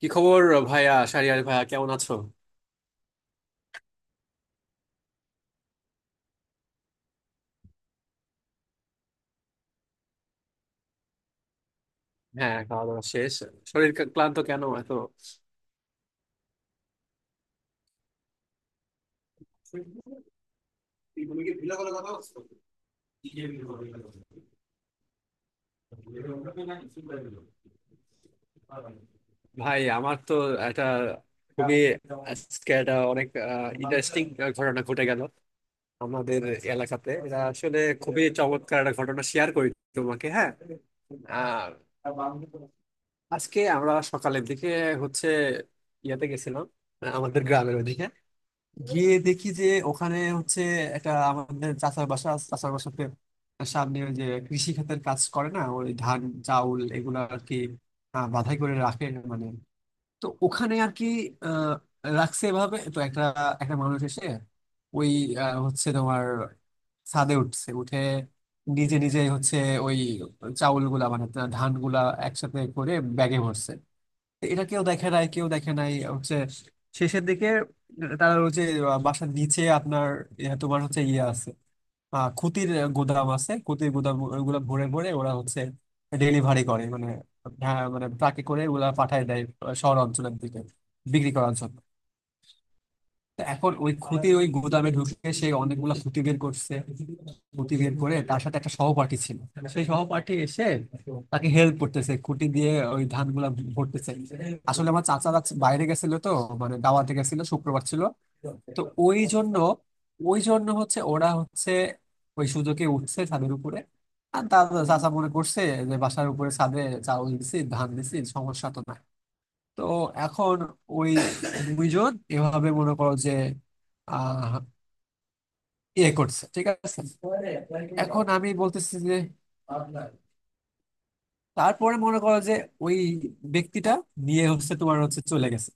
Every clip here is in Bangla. কি খবর? হ্যাঁ, সরি। ভাই আমার তো একটা খুবই, আজকে একটা অনেক ইন্টারেস্টিং ঘটনা ঘটে গেল আমাদের এলাকাতে। এটা আসলে খুবই চমৎকার একটা ঘটনা, শেয়ার করি তোমাকে। হ্যাঁ, আহ, আজকে আমরা সকালের দিকে হচ্ছে ইয়াতে গেছিলাম, আমাদের গ্রামের ওদিকে। গিয়ে দেখি যে ওখানে একটা আমাদের চাচার বাসা আছে, চাচার বাসাতে সামনে ওই যে কৃষি খাতের কাজ করে না, ওই ধান, চাউল এগুলা আর কি, বাধাই করে রাখে মানে। তো ওখানে আর কি রাখছে এভাবে। তো একটা একটা মানুষ এসে ওই তোমার ছাদে উঠছে, উঠে নিজে নিজে ওই চাউল গুলা মানে ধান গুলা একসাথে করে ব্যাগে ভরছে। তো এটা কেউ দেখে নাই, কেউ দেখে নাই। শেষের দিকে তারা ওই যে বাসার নিচে আপনার তোমার ইয়ে আছে, আহ, খুতির গুদাম আছে, খুতির গুদাম ওগুলা ভরে ভরে ওরা হচ্ছে ডেলিভারি করে মানে, ট্রাকে করে ওগুলা পাঠায় দেয় শহর অঞ্চলের দিকে বিক্রি করার জন্য। তো এখন ওই খুতি ওই গুদামে ঢুকে সে অনেকগুলা খুঁতি বের করছে, খুঁতি বের করে। তার সাথে একটা সহপাঠী ছিল, সেই সহপাঠী এসে তাকে হেল্প করতেছে, খুঁটি দিয়ে ওই ধানগুলা ভরতেছে। আসলে আমার চাচারা বাইরে গেছিল তো, মানে দাওয়াতে গেছিল, শুক্রবার ছিল। তো ওই জন্য, ওই জন্য ওরা ওই সুযোগে উঠছে ছাদের উপরে। আর তার চাচা মনে করছে যে বাসার উপরে ছাদে চাউল দিছি, ধান দিছি, সমস্যা তো নাই। তো এখন ওই দুইজন এভাবে মনে করো যে আহ ইয়ে করছে, ঠিক আছে? এখন আমি বলতেছি যে তারপরে মনে করো যে ওই ব্যক্তিটা নিয়ে তোমার চলে গেছে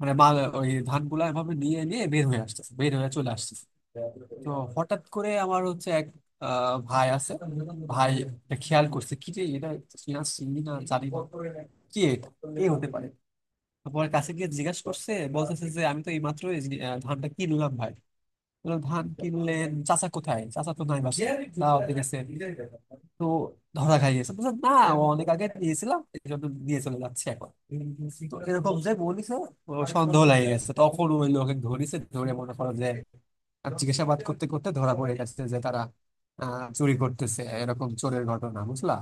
মানে মাল, ওই ধানগুলা এভাবে নিয়ে নিয়ে বের হয়ে আসতেছে, বের হয়ে চলে আসতেছে। তো হঠাৎ করে আমার এক ভাই আছে, ভাই এটা খেয়াল করছে, কি রে এটা, চিনা চিনি না, জানি না কি এটা, এ হতে পারে। তারপর কাছে গিয়ে জিজ্ঞাসা করছে, বলতেছে যে আমি তো এইমাত্র এই মাত্র ধানটা কিনলাম ভাই। বললো, ধান কিনলেন? চাচা কোথায়? চাচা তো নাই বাসায়, দাওয়াতে গেছে। তো ধরা খাই গেছে, বলছে না, ও অনেক আগে দিয়েছিলাম এই জন্য নিয়ে চলে যাচ্ছে এখন। তো এরকম যে বলিছে, ও সন্দেহ লাগে গেছে, তখন ওই লোকে ধরিছে, ধরে মনে করো যে আর জিজ্ঞাসাবাদ করতে করতে ধরা পড়ে গেছে যে তারা আহ চুরি করতেছে। এরকম চোরের ঘটনা, বুঝলা?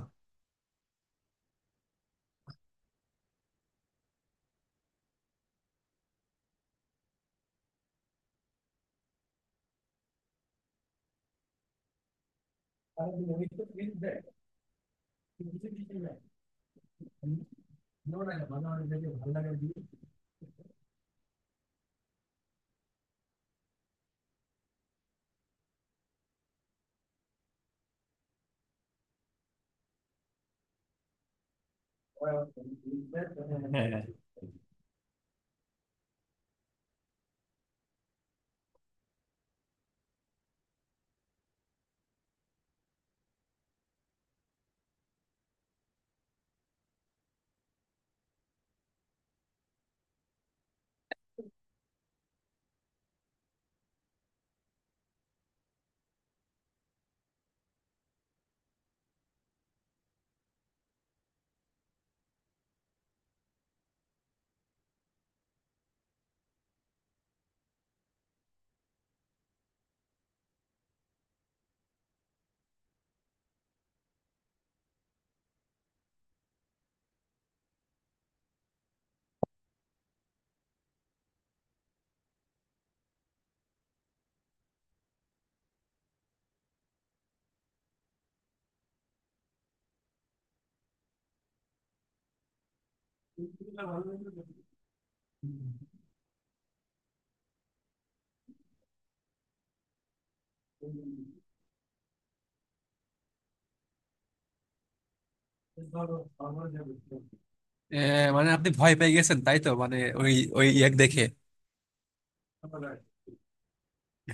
হ্যাঁ, মানে আপনি ভয় পেয়ে গেছেন, তাই তো মানে ওই ওই ইয়াক দেখে।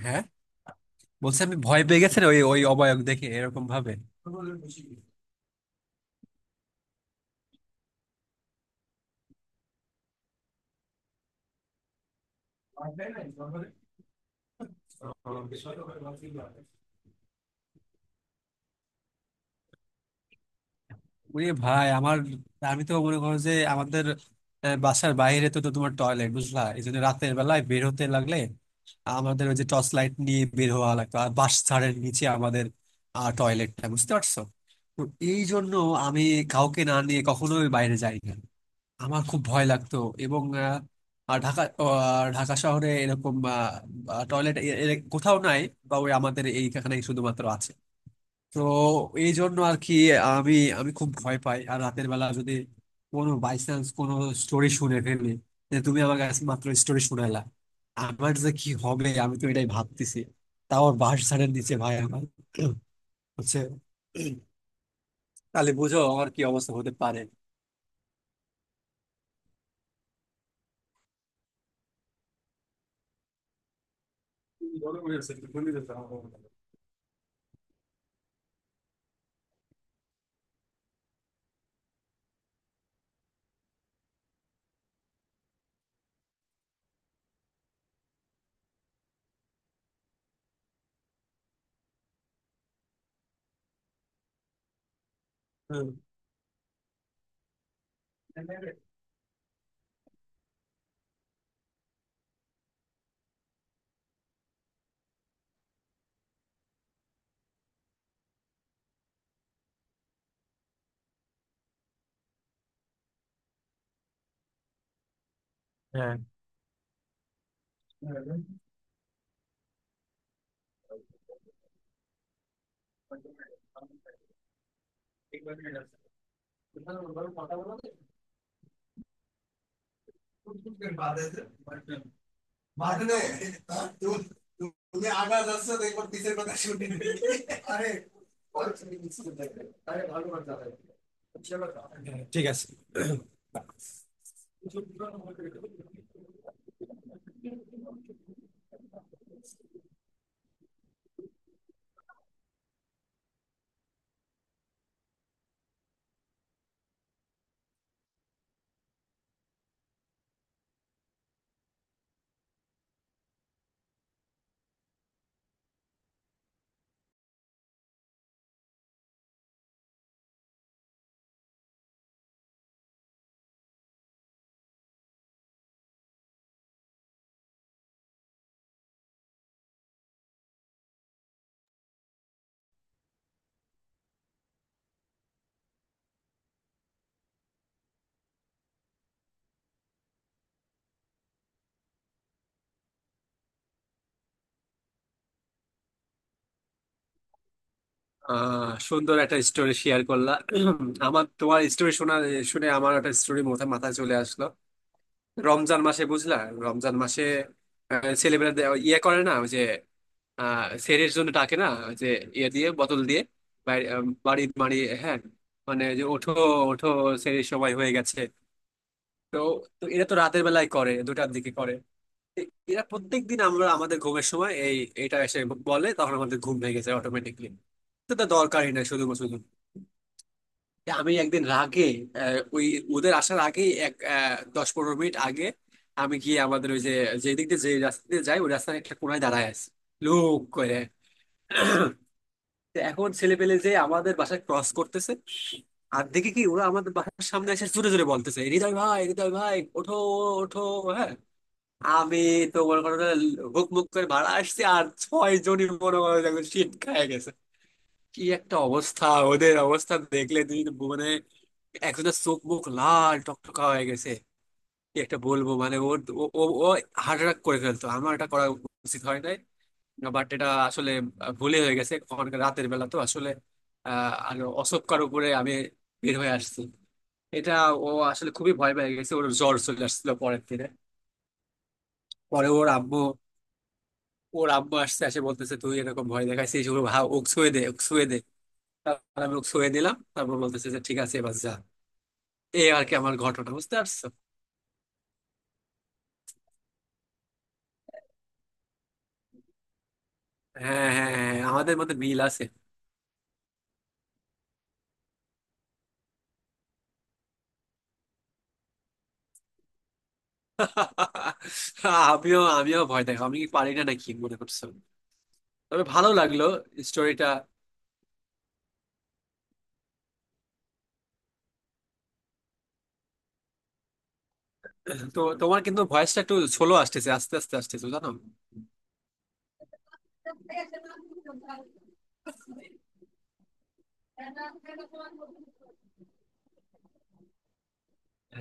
হ্যাঁ, বলছি আপনি ভয় পেয়ে গেছেন ওই ওই অবায়ক দেখে এরকম ভাবে। ওরে ভাই আমার, আমি তো মনে করো যে আমাদের বাসার বাইরে তো তো তোমার টয়লেট, বুঝলা? এই জন্য রাতের বেলায় বের হতে লাগলে আমাদের ওই যে টর্চ লাইট নিয়ে বের হওয়া লাগতো। আর বাস ছাড়ের নিচে আমাদের টয়লেটটা, বুঝতে পারছো? তো এই জন্য আমি কাউকে না নিয়ে কখনোই বাইরে যাই না, আমার খুব ভয় লাগতো। এবং আর ঢাকা, আহ, ঢাকা শহরে এরকম টয়লেট কোথাও নাই, বা ওই আমাদের এইখানে শুধুমাত্র আছে। তো এই জন্য আর কি, আমি আমি খুব ভয় পাই। আর রাতের বেলা যদি কোনো বাই চান্স কোনো স্টোরি শুনে ফেলি, যে তুমি আমার কাছে মাত্র স্টোরি শুনালা, আমার যে কি হবে আমি তো এটাই ভাবতেছি। তাও আর বাঁশ ঝাড়ের নিচে ভাই আমার হচ্ছে তাহলে বুঝো আমার কি অবস্থা হতে পারে। হুম। হ্যাঁ मारने तू तुम्हें आगा दस से एक बार तीसरे पता शूटिंग अरे। ঠিক আছে। সুন্দর একটা স্টোরি শেয়ার করলা। আমার তোমার স্টোরি শুনে আমার একটা স্টোরি মাথায় মাথায় চলে আসলো। রমজান মাসে, বুঝলা? রমজান মাসে ছেলেমেয়েরা ইয়ে করে না, ওই যে আহ সেরের জন্য ডাকে না, ওই যে ইয়ে দিয়ে, বোতল দিয়ে, বাড়ি বাড়ি। হ্যাঁ, মানে যে ওঠো, ওঠো, সেরের সময় হয়ে গেছে। তো তো এরা তো রাতের বেলায় করে দুটার দিকে করে, এরা প্রত্যেকদিন আমরা আমাদের ঘুমের সময় এটা এসে বলে, তখন আমাদের ঘুম ভেঙে যায় অটোমেটিকলি। তো তা দরকারই না, শুধু শুধু। হ্যাঁ, আমি একদিন রাগে ওই ওদের আসার আগেই এক 10-15 মিনিট আগে আমি গিয়ে আমাদের ওই যে, যেদিক দিয়ে যে রাস্তা দিয়ে যাই, ওই রাস্তার একটা কোনায় দাঁড়ায় আছি, লোক করে। তো এখন ছেলে পেলে যে আমাদের বাসায় ক্রস করতেছে, আর দেখে কি ওরা আমাদের বাসার সামনে এসে জোরে জোরে বলতেছে, হৃদয় ভাই, হৃদয় ভাই, ওঠো, ওঠো। হ্যাঁ, আমি তো মনে করো যে হুক মুক করে ভাড়া আসছি, আর ছয় জনই মনে করো যে একদম শীত খায় গেছে, কি একটা অবস্থা। ওদের অবস্থা দেখলে তুই তো মানে, একজনের চোখ মুখ লাল টকটকা হয়ে গেছে, কি একটা বলবো মানে, ওর ও ও ও হার্ট অ্যাটাক করে ফেলতো। আমার এটা করা উচিত হয় নাই, বাট এটা আসলে ভুলে হয়ে গেছে। অনেক রাতের বেলা তো আসলে, আহ, আর অশোকার উপরে আমি বের হয়ে আসছি এটা। ও আসলে খুবই ভয় পেয়ে গেছে, ওর জ্বর চলে আসছিল পরের দিনে। পরে ওর আব্বু, ওর আব্বু আসছে, আসে বলতেছে তুই এরকম ভয় দেখাইছিস? ওর ভা ওক ছুঁয়ে দে, ওক ছুঁয়ে দে। তারপর আমি ওক ছুঁয়ে দিলাম, তারপর বলতেছে যে ঠিক আছে এবার যা। এই আর কি আমার ঘটনা, বুঝতে পারছো? হ্যাঁ হ্যাঁ হ্যাঁ হ্যাঁ, আমাদের মধ্যে মিল আছে। আমিও আমিও ভয় দেখো, আমি কি পারি না নাকি মনে করছো? তবে ভালো লাগলো স্টোরিটা। তো তোমার কিন্তু ভয়েসটা একটু সোলো আসতেছে, আস্তে আস্তে আসতেছে, জানো?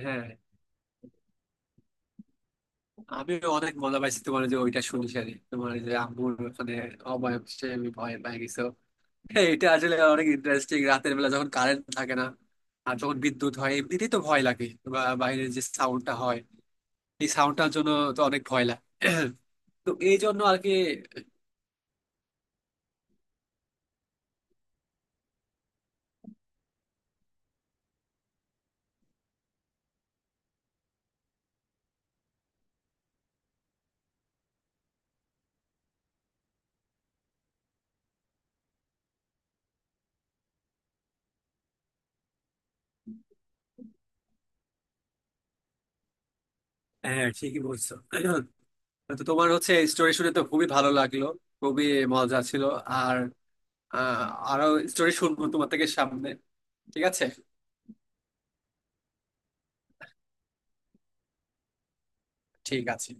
হ্যাঁ, আমি অনেক মজা পাইছি। তোমার যে ওইটা শুনিস আরে, তোমার যে আম্মুর মানে অবয়ব সে আমি ভয় পেয়ে গেছো এটা আসলে অনেক ইন্টারেস্টিং। রাতের বেলা যখন কারেন্ট থাকে না আর যখন বিদ্যুৎ হয়, এমনিতেই তো ভয় লাগে, বা বাইরের যে সাউন্ডটা হয়, এই সাউন্ডটার জন্য তো অনেক ভয় লাগে। তো এই জন্য আর কি। হ্যাঁ, ঠিকই বলছো। তো তোমার স্টোরি শুনে তো খুবই ভালো লাগলো, খুবই মজা ছিল। আর, আহ, আরো স্টোরি শুনবো তোমার থেকে সামনে। ঠিক আছে, ঠিক আছে।